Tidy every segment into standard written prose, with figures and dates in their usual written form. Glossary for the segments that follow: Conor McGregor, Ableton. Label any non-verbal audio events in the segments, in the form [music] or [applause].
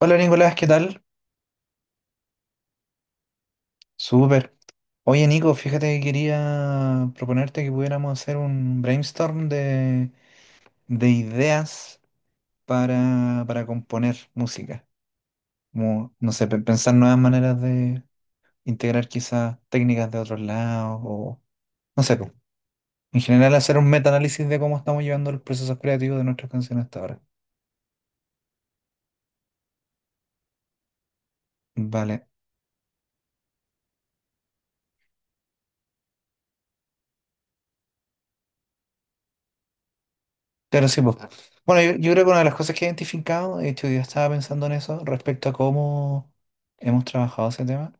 Hola Nicolás, ¿qué tal? Súper. Oye Nico, fíjate que quería proponerte que pudiéramos hacer un brainstorm de ideas para componer música. Como, no sé, pensar nuevas maneras de integrar quizás técnicas de otros lados o, no sé, pues, en general hacer un metaanálisis de cómo estamos llevando los procesos creativos de nuestras canciones hasta ahora. Vale. Claro, sí, pues. Bueno, yo creo que una de las cosas que he identificado, de hecho, yo estaba pensando en eso respecto a cómo hemos trabajado ese tema.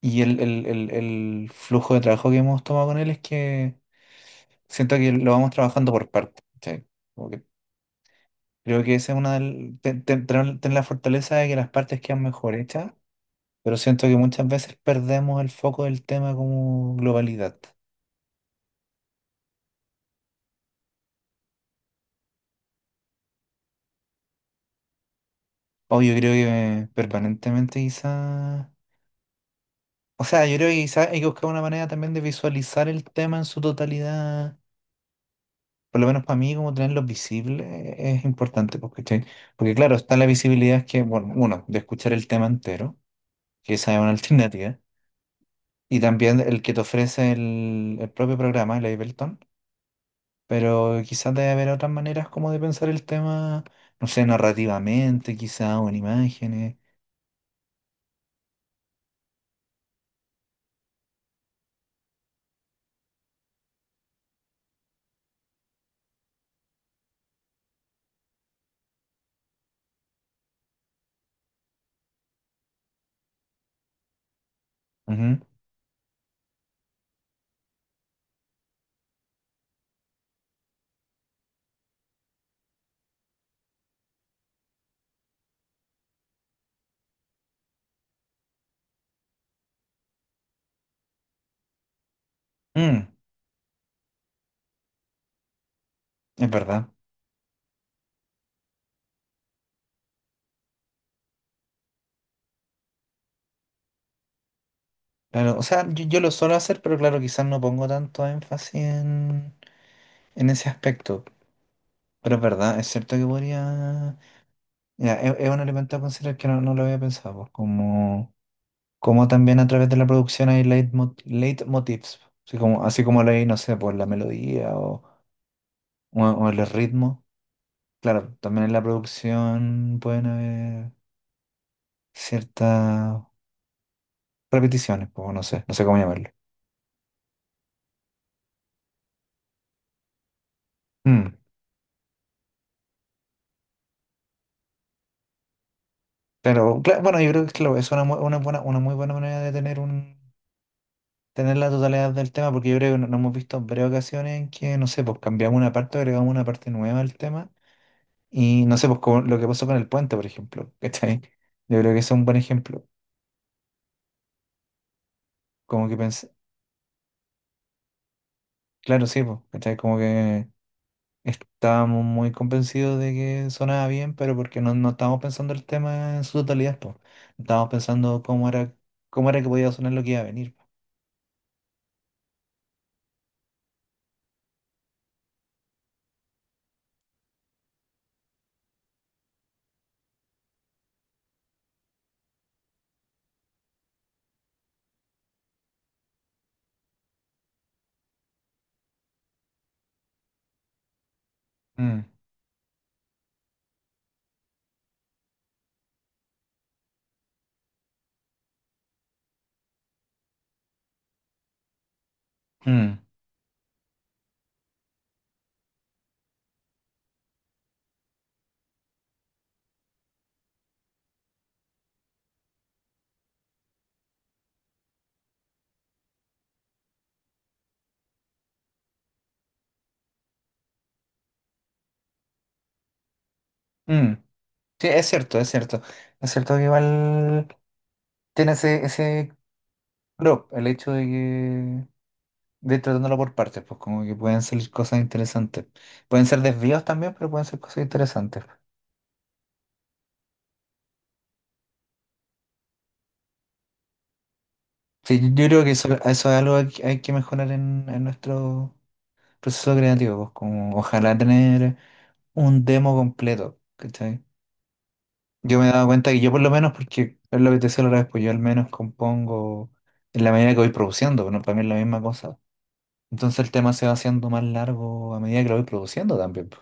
Y el flujo de trabajo que hemos tomado con él es que siento que lo vamos trabajando por partes. ¿Cachai? Como que creo que esa es una tener la fortaleza de que las partes quedan mejor hechas, pero siento que muchas veces perdemos el foco del tema como globalidad. O yo creo que permanentemente quizá. O sea, yo creo que quizá hay que buscar una manera también de visualizar el tema en su totalidad, por lo menos para mí, como tenerlos visibles es importante, pues, ¿cachai? Porque claro, está la visibilidad que, bueno, uno, de escuchar el tema entero, que esa es una [laughs] alternativa, y también el que te ofrece el propio programa, el Ableton, pero quizás debe haber otras maneras como de pensar el tema, no sé, narrativamente, quizás, o en imágenes. Ujú. Mm, es verdad. Claro, o sea, yo lo suelo hacer, pero claro, quizás no pongo tanto énfasis en ese aspecto. Pero es verdad, es cierto que podría... Ya, es un elemento a considerar que no lo había pensado, pues, como, como también a través de la producción hay leitmotivs, así como lo hay, no sé, por la melodía o el ritmo. Claro, también en la producción pueden haber ciertas repeticiones, pues, no sé, no sé cómo llamarlo. Mm. Pero bueno, yo creo que claro, es una, una buena, una muy buena manera de tener un tener la totalidad del tema, porque yo creo que no, no hemos visto varias ocasiones en que, no sé, pues cambiamos una parte, agregamos una parte nueva al tema. Y no sé, pues como lo que pasó con el puente, por ejemplo, ¿cachai? Yo creo que ese es un buen ejemplo. Como que pensé, claro, sí, pues, ¿cachai? Como que estábamos muy convencidos de que sonaba bien, pero porque no, no estábamos pensando el tema en su totalidad, pues. No estábamos pensando cómo era que podía sonar lo que iba a venir, po. Mm, mm, mm. Sí, es cierto, es cierto. Es cierto que igual tiene ese prop, el hecho de que de ir tratándolo por partes, pues como que pueden salir cosas interesantes. Pueden ser desvíos también, pero pueden ser cosas interesantes. Sí, yo creo que eso es algo que hay que mejorar en nuestro proceso creativo, pues como ojalá tener un demo completo, ¿cachai? Yo me he dado cuenta que yo por lo menos, porque es lo que te decía la otra vez, pues yo al menos compongo en la medida que voy produciendo, pero no para mí es la misma cosa. Entonces el tema se va haciendo más largo a medida que lo voy produciendo también, pues.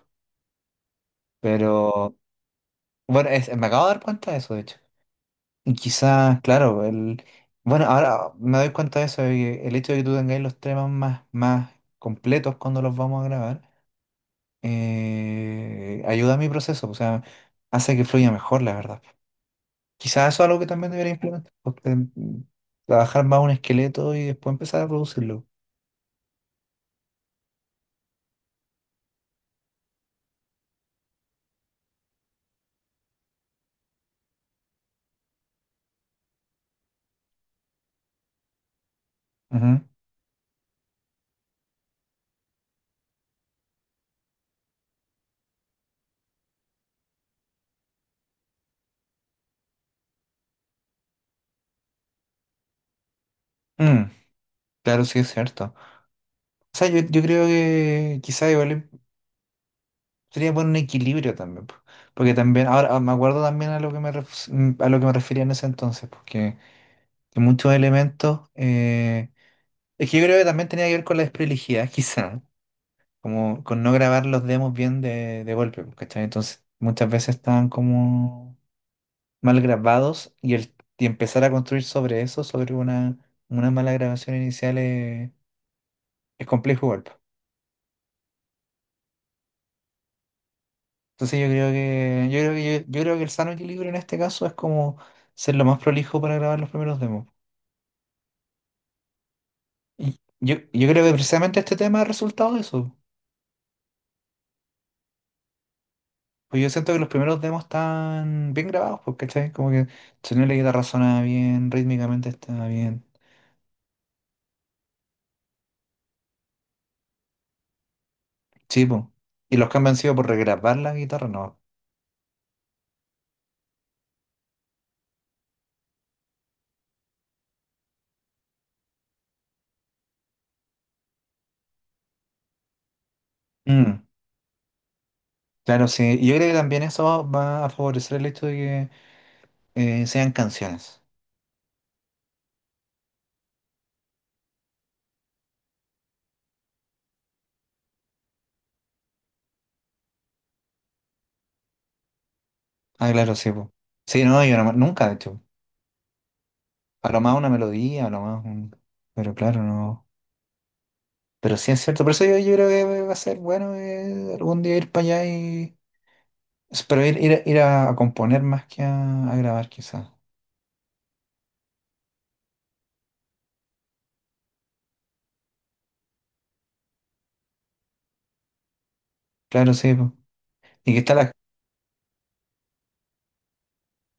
Pero bueno, me acabo de dar cuenta de eso, de hecho. Y quizás, claro, bueno, ahora me doy cuenta de eso, de que el hecho de que tú tengáis los temas más completos cuando los vamos a grabar, ayuda a mi proceso, o sea, hace que fluya mejor, la verdad. Quizás eso es algo que también debería implementar, porque, trabajar más un esqueleto y después empezar a producirlo. Ujú. Mm, claro, sí es cierto. O sea, yo creo que quizás igual sería poner un equilibrio también, po. Porque también, ahora me acuerdo también a lo que me, a lo que me refería en ese entonces, porque... que muchos elementos. Es que yo creo que también tenía que ver con la desprolijidad, [laughs] quizá, como con no grabar los demos bien de golpe, pues, ¿cachai? Entonces, muchas veces estaban como mal grabados y, y empezar a construir sobre eso, sobre una mala grabación inicial, es complejo igual, pues. Entonces, yo creo que el sano equilibrio en este caso es como ser lo más prolijo para grabar los primeros demos. Y yo creo que precisamente este tema ha resultado de eso. Pues yo siento que los primeros demos están bien grabados, pues, ¿cachai? Como que el sonido la guitarra suena bien, rítmicamente está bien. Sí, pues. Y los cambios han sido por regrabar la guitarra, no. Mm, claro, sí. Y yo creo que también eso va a favorecer el hecho de que sean canciones. Ah, claro, sí, pues. Sí, no, yo no- nunca, de hecho. A lo más una melodía, a lo más un... Pero claro, no. Pero sí es cierto. Por eso yo creo que va a ser bueno algún día ir para allá y... Pero ir a componer más que a grabar, quizás. Claro, sí, po. Y que está la...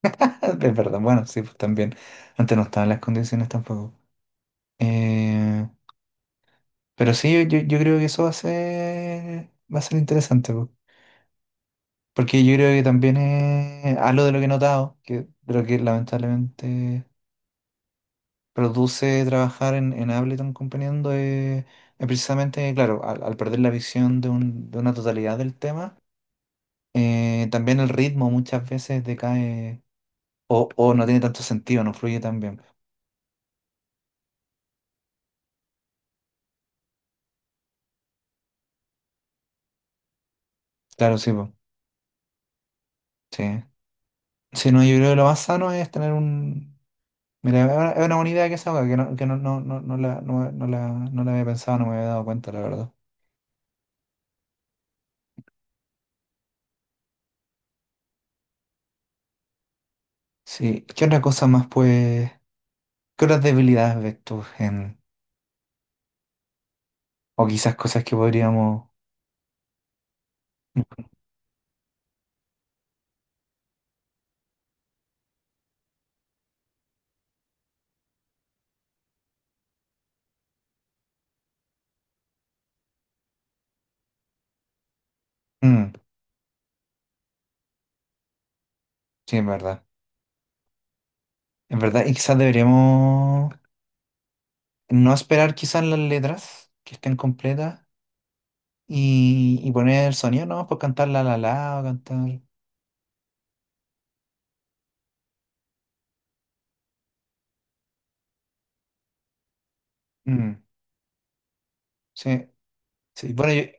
[laughs] Es verdad, bueno, sí, pues también. Antes no estaban las condiciones tampoco. Eh, pero sí, yo creo que eso va a va a ser interesante, po. Porque yo creo que también es algo de lo que he notado, que, de lo que lamentablemente produce trabajar en Ableton componiendo, es precisamente, claro, al perder la visión de una totalidad del tema, también el ritmo muchas veces decae o no tiene tanto sentido, no fluye tan bien. Claro, sí, po. Sí. Sí, no, yo creo que lo más sano es tener un... Mira, es una, es una buena idea que esa, que no, no, no, no la, no, no la, no la había pensado, no me había dado cuenta, la verdad. Sí, ¿qué otra cosa más, pues? ¿Qué otras debilidades ves tú en... o quizás cosas que podríamos...? Mm, sí, en verdad. En verdad, y quizás deberíamos no esperar quizás las letras que estén completas y poner el sonido, ¿no? Por cantar la la la o cantar... Mm, sí, sí. Bueno, yo,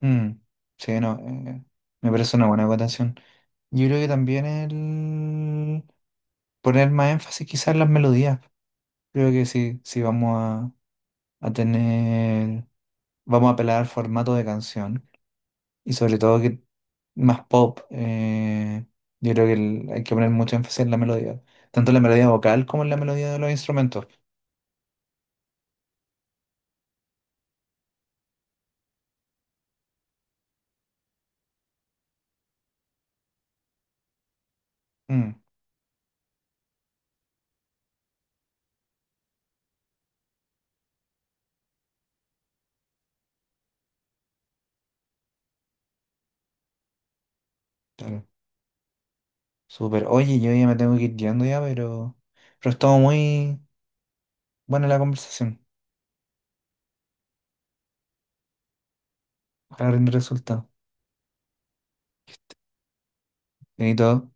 mm, sí, no, me parece una buena acotación. Yo creo que también el poner más énfasis quizás en las melodías. Creo que sí, sí vamos a tener, vamos a apelar al formato de canción y sobre todo que más pop. Yo creo que hay que poner mucho énfasis en la melodía, tanto en la melodía vocal como en la melodía de los instrumentos. Mm, claro, súper. Oye, yo ya me tengo que ir yendo ya, pero estuvo muy buena la conversación. Ojalá rinde resultado. Bien, ¿todo?